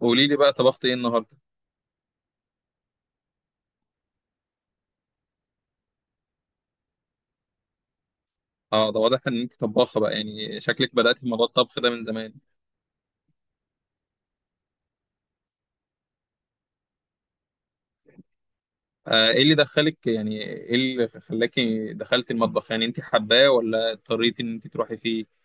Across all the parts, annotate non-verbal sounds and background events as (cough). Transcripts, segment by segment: قولي لي بقى، طبخت ايه النهارده؟ اه ده واضح ان انت طباخه بقى، يعني شكلك بدأتي في موضوع الطبخ ده من زمان. آه، ايه اللي دخلك؟ يعني ايه اللي خلاكي دخلتي المطبخ؟ يعني انت حباه ولا اضطريتي ان انت تروحي فيه؟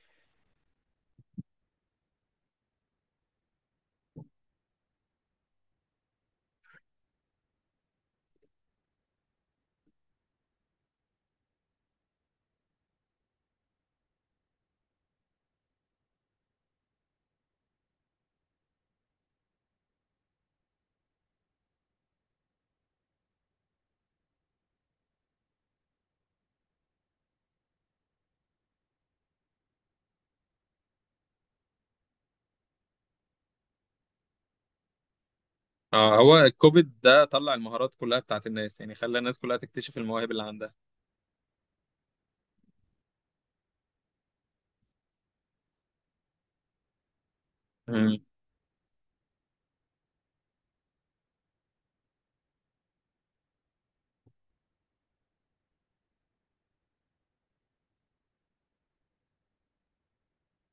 اه، هو الكوفيد ده طلع المهارات كلها بتاعت الناس، يعني خلى الناس كلها تكتشف المواهب اللي عندها. مم.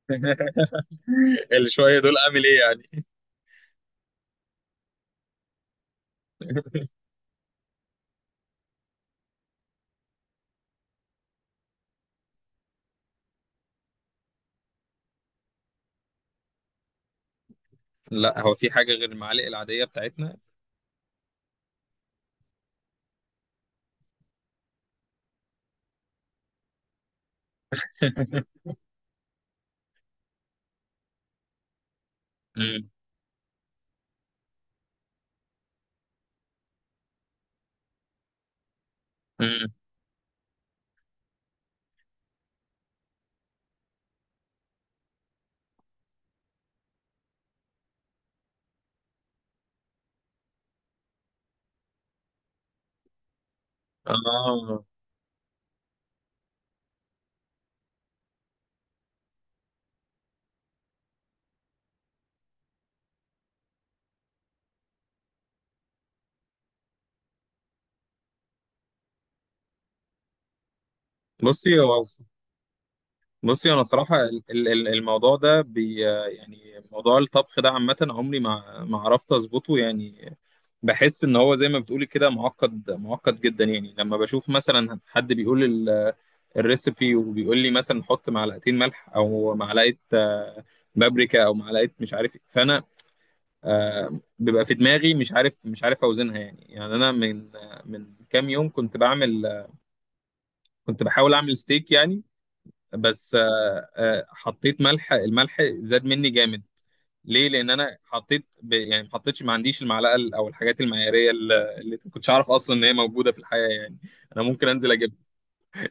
(laughs) اللي شويه دول اعمل ايه يعني؟ (laughs) لا، هو في حاجه غير المعالق العاديه بتاعتنا؟ (laughs) مم. مم. اه. بصي هو بصي انا صراحه الموضوع ده يعني موضوع الطبخ ده عامه، عمري ما عرفت اظبطه يعني. بحس ان هو زي ما بتقولي كده، معقد جدا. يعني لما بشوف مثلا حد بيقول الريسيبي وبيقول لي مثلا حط معلقتين ملح او معلقه بابريكا او معلقه مش عارف إيه، فانا بيبقى في دماغي مش عارف، مش عارف اوزنها يعني. يعني انا من من كام يوم كنت بعمل، كنت بحاول اعمل ستيك يعني. بس حطيت ملح، الملح زاد مني جامد. ليه؟ لان انا حطيت يعني ما حطيتش، ما عنديش المعلقه او الحاجات المعياريه اللي ما كنتش اعرف اصلا ان هي موجوده في الحياه يعني. انا ممكن انزل اجيبها،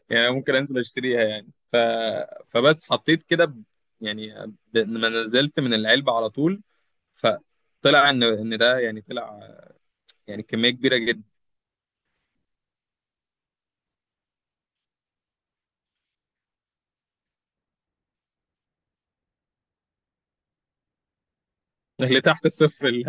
يعني أنا ممكن انزل اشتريها، يعني فبس حطيت كده يعني ما نزلت من العلبه على طول. فطلع ان ده يعني طلع يعني كميه كبيره جدا. اللي تحت الصفر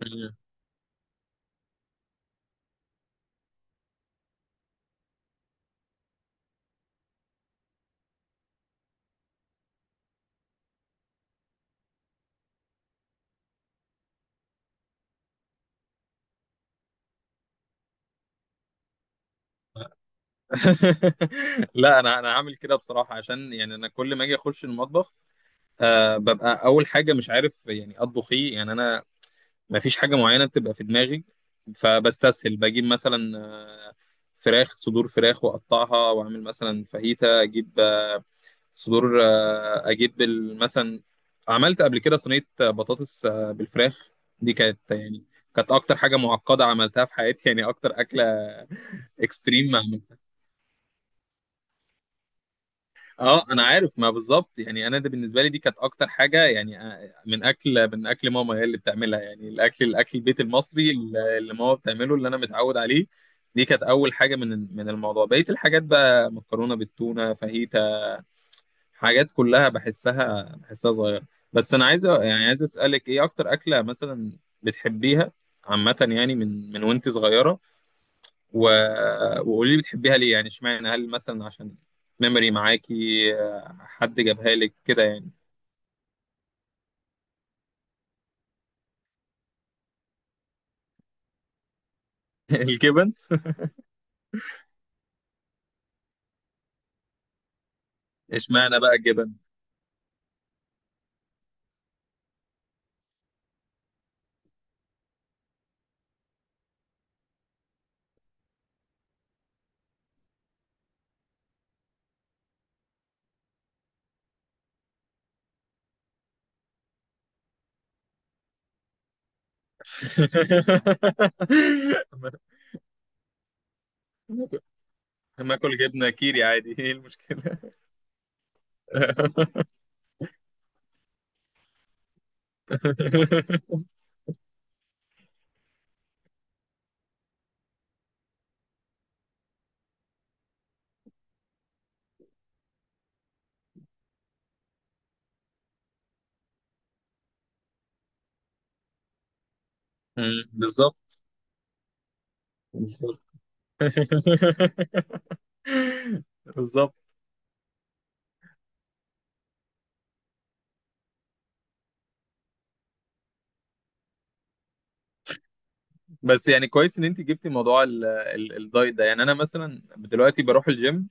(laughs) لا، انا انا هعمل كده بصراحه، عشان يعني انا كل ما اجي اخش المطبخ، أه، ببقى اول حاجه مش عارف يعني اطبخ ايه. يعني انا ما فيش حاجه معينه بتبقى في دماغي. فبستسهل بجيب مثلا فراخ، صدور فراخ، واقطعها واعمل مثلا فاهيتا. اجيب صدور، اجيب مثلا عملت قبل كده صينيه بطاطس بالفراخ. دي كانت يعني كانت اكتر حاجه معقده عملتها في حياتي، يعني اكتر اكله اكستريم. اه انا عارف، ما بالظبط. يعني انا ده بالنسبه لي دي كانت اكتر حاجه، يعني من اكل، من اكل ماما هي اللي بتعملها، يعني الاكل، الاكل البيت المصري اللي ماما بتعمله، اللي انا متعود عليه. دي كانت اول حاجه من الموضوع. بقيه الحاجات بقى مكرونه بالتونه، فاهيتا، حاجات كلها بحسها صغيره. بس انا عايز، يعني عايز اسالك ايه اكتر اكله مثلا بتحبيها عامه، يعني من وانت صغيره؟ و... وقولي لي بتحبيها ليه، يعني اشمعنى؟ هل مثلا عشان ميموري معاكي، حد جابها لك كده يعني؟ (laughs) الجبن؟ اشمعنى بقى الجبن؟ (laughs) ما اكل جبنه كيري عادي، ايه المشكله؟ (laughs) بالظبط، بالظبط. (laughs) بالظبط. بس يعني كويس ان انت جبتي موضوع الدايت ده. يعني انا مثلا دلوقتي بروح الجيم،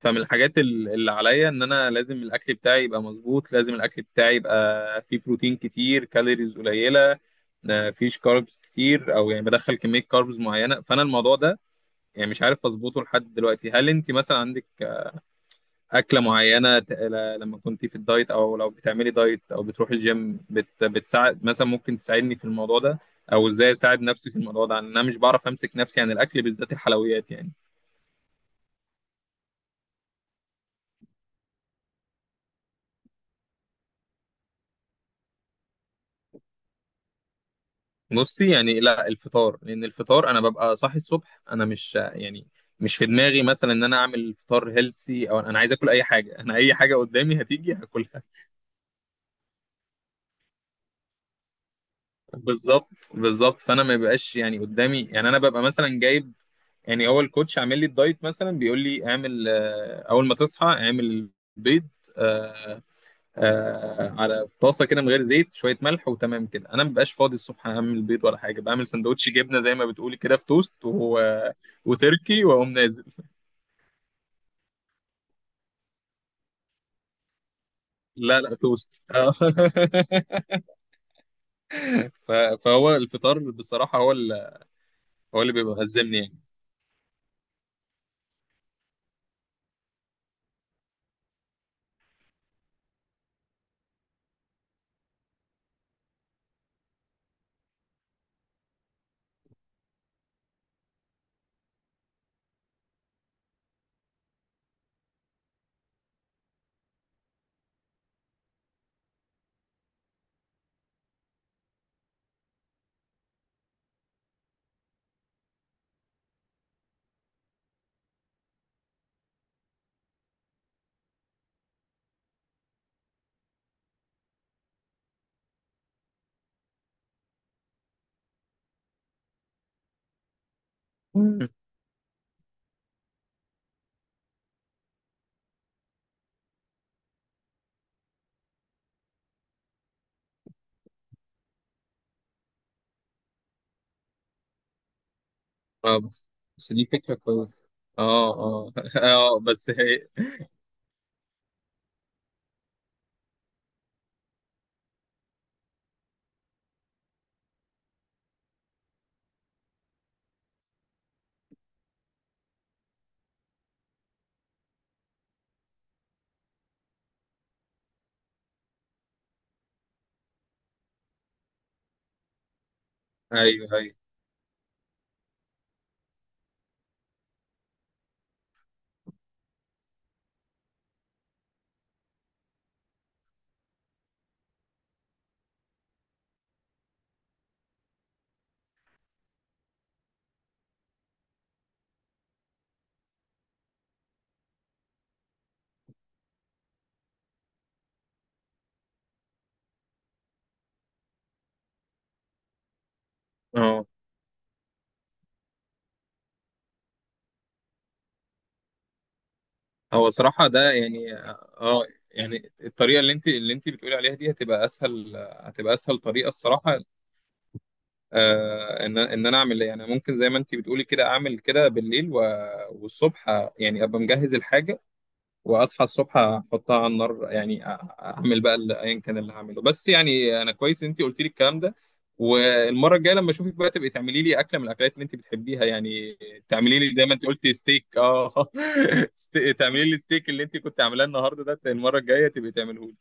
فمن الحاجات اللي عليا ان انا لازم الاكل بتاعي يبقى مظبوط، لازم الاكل بتاعي يبقى فيه بروتين كتير، كالوريز قليله، ما فيش كاربز كتير، او يعني بدخل كميه كاربز معينه. فانا الموضوع ده يعني مش عارف اظبطه لحد دلوقتي. هل انت مثلا عندك اكله معينه لما كنت في الدايت، او لو بتعملي دايت او بتروحي الجيم، بتساعد مثلا؟ ممكن تساعدني في الموضوع ده، او ازاي اساعد نفسي في الموضوع ده؟ عن انا مش بعرف امسك نفسي عن الاكل بالذات الحلويات يعني. بصي، يعني لا، الفطار. لان الفطار انا ببقى صاحي الصبح، انا مش يعني مش في دماغي مثلا ان انا اعمل فطار هيلسي، او انا عايز اكل اي حاجه. انا اي حاجه قدامي هتيجي هاكلها. (laughs) بالظبط، بالظبط. فانا ما بيبقاش يعني قدامي، يعني انا ببقى مثلا جايب، يعني هو الكوتش عامل لي الدايت مثلا، بيقول لي اعمل اول ما تصحى اعمل بيض على طاسه كده من غير زيت، شويه ملح وتمام كده. انا مبقاش فاضي الصبح اعمل بيض ولا حاجه. بعمل سندوتش جبنه زي ما بتقولي كده في توست وتركي واقوم نازل. لا توست. آه. (laughs) ف... فهو الفطار بصراحه هو هو اللي بيبقى هزمني يعني. مم. اه بس. بس دي فكره كويسه. اه، اه. (laughs) اه بس هي. ايوه، ايوه. اه، هو صراحه ده يعني، اه، يعني الطريقه اللي انت بتقولي عليها دي هتبقى اسهل، هتبقى اسهل طريقه الصراحه. ان انا اعمل إيه؟ يعني ممكن زي ما انت بتقولي كده، اعمل كده بالليل والصبح يعني ابقى مجهز الحاجه، واصحى الصبح احطها على النار. يعني، اعمل بقى ايا كان اللي هعمله. بس يعني انا كويس انت قلت لي الكلام ده. والمره الجايه لما اشوفك بقى، تبقي تعملي لي اكله من الاكلات اللي انت بتحبيها يعني. تعملي لي زي ما انت قلت ستيك، اه. (laughs) تعملي لي ستيك اللي انت كنت عاملاه النهارده ده، المره الجايه تبقي تعمله لي.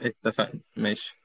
اتفقنا، ماشي.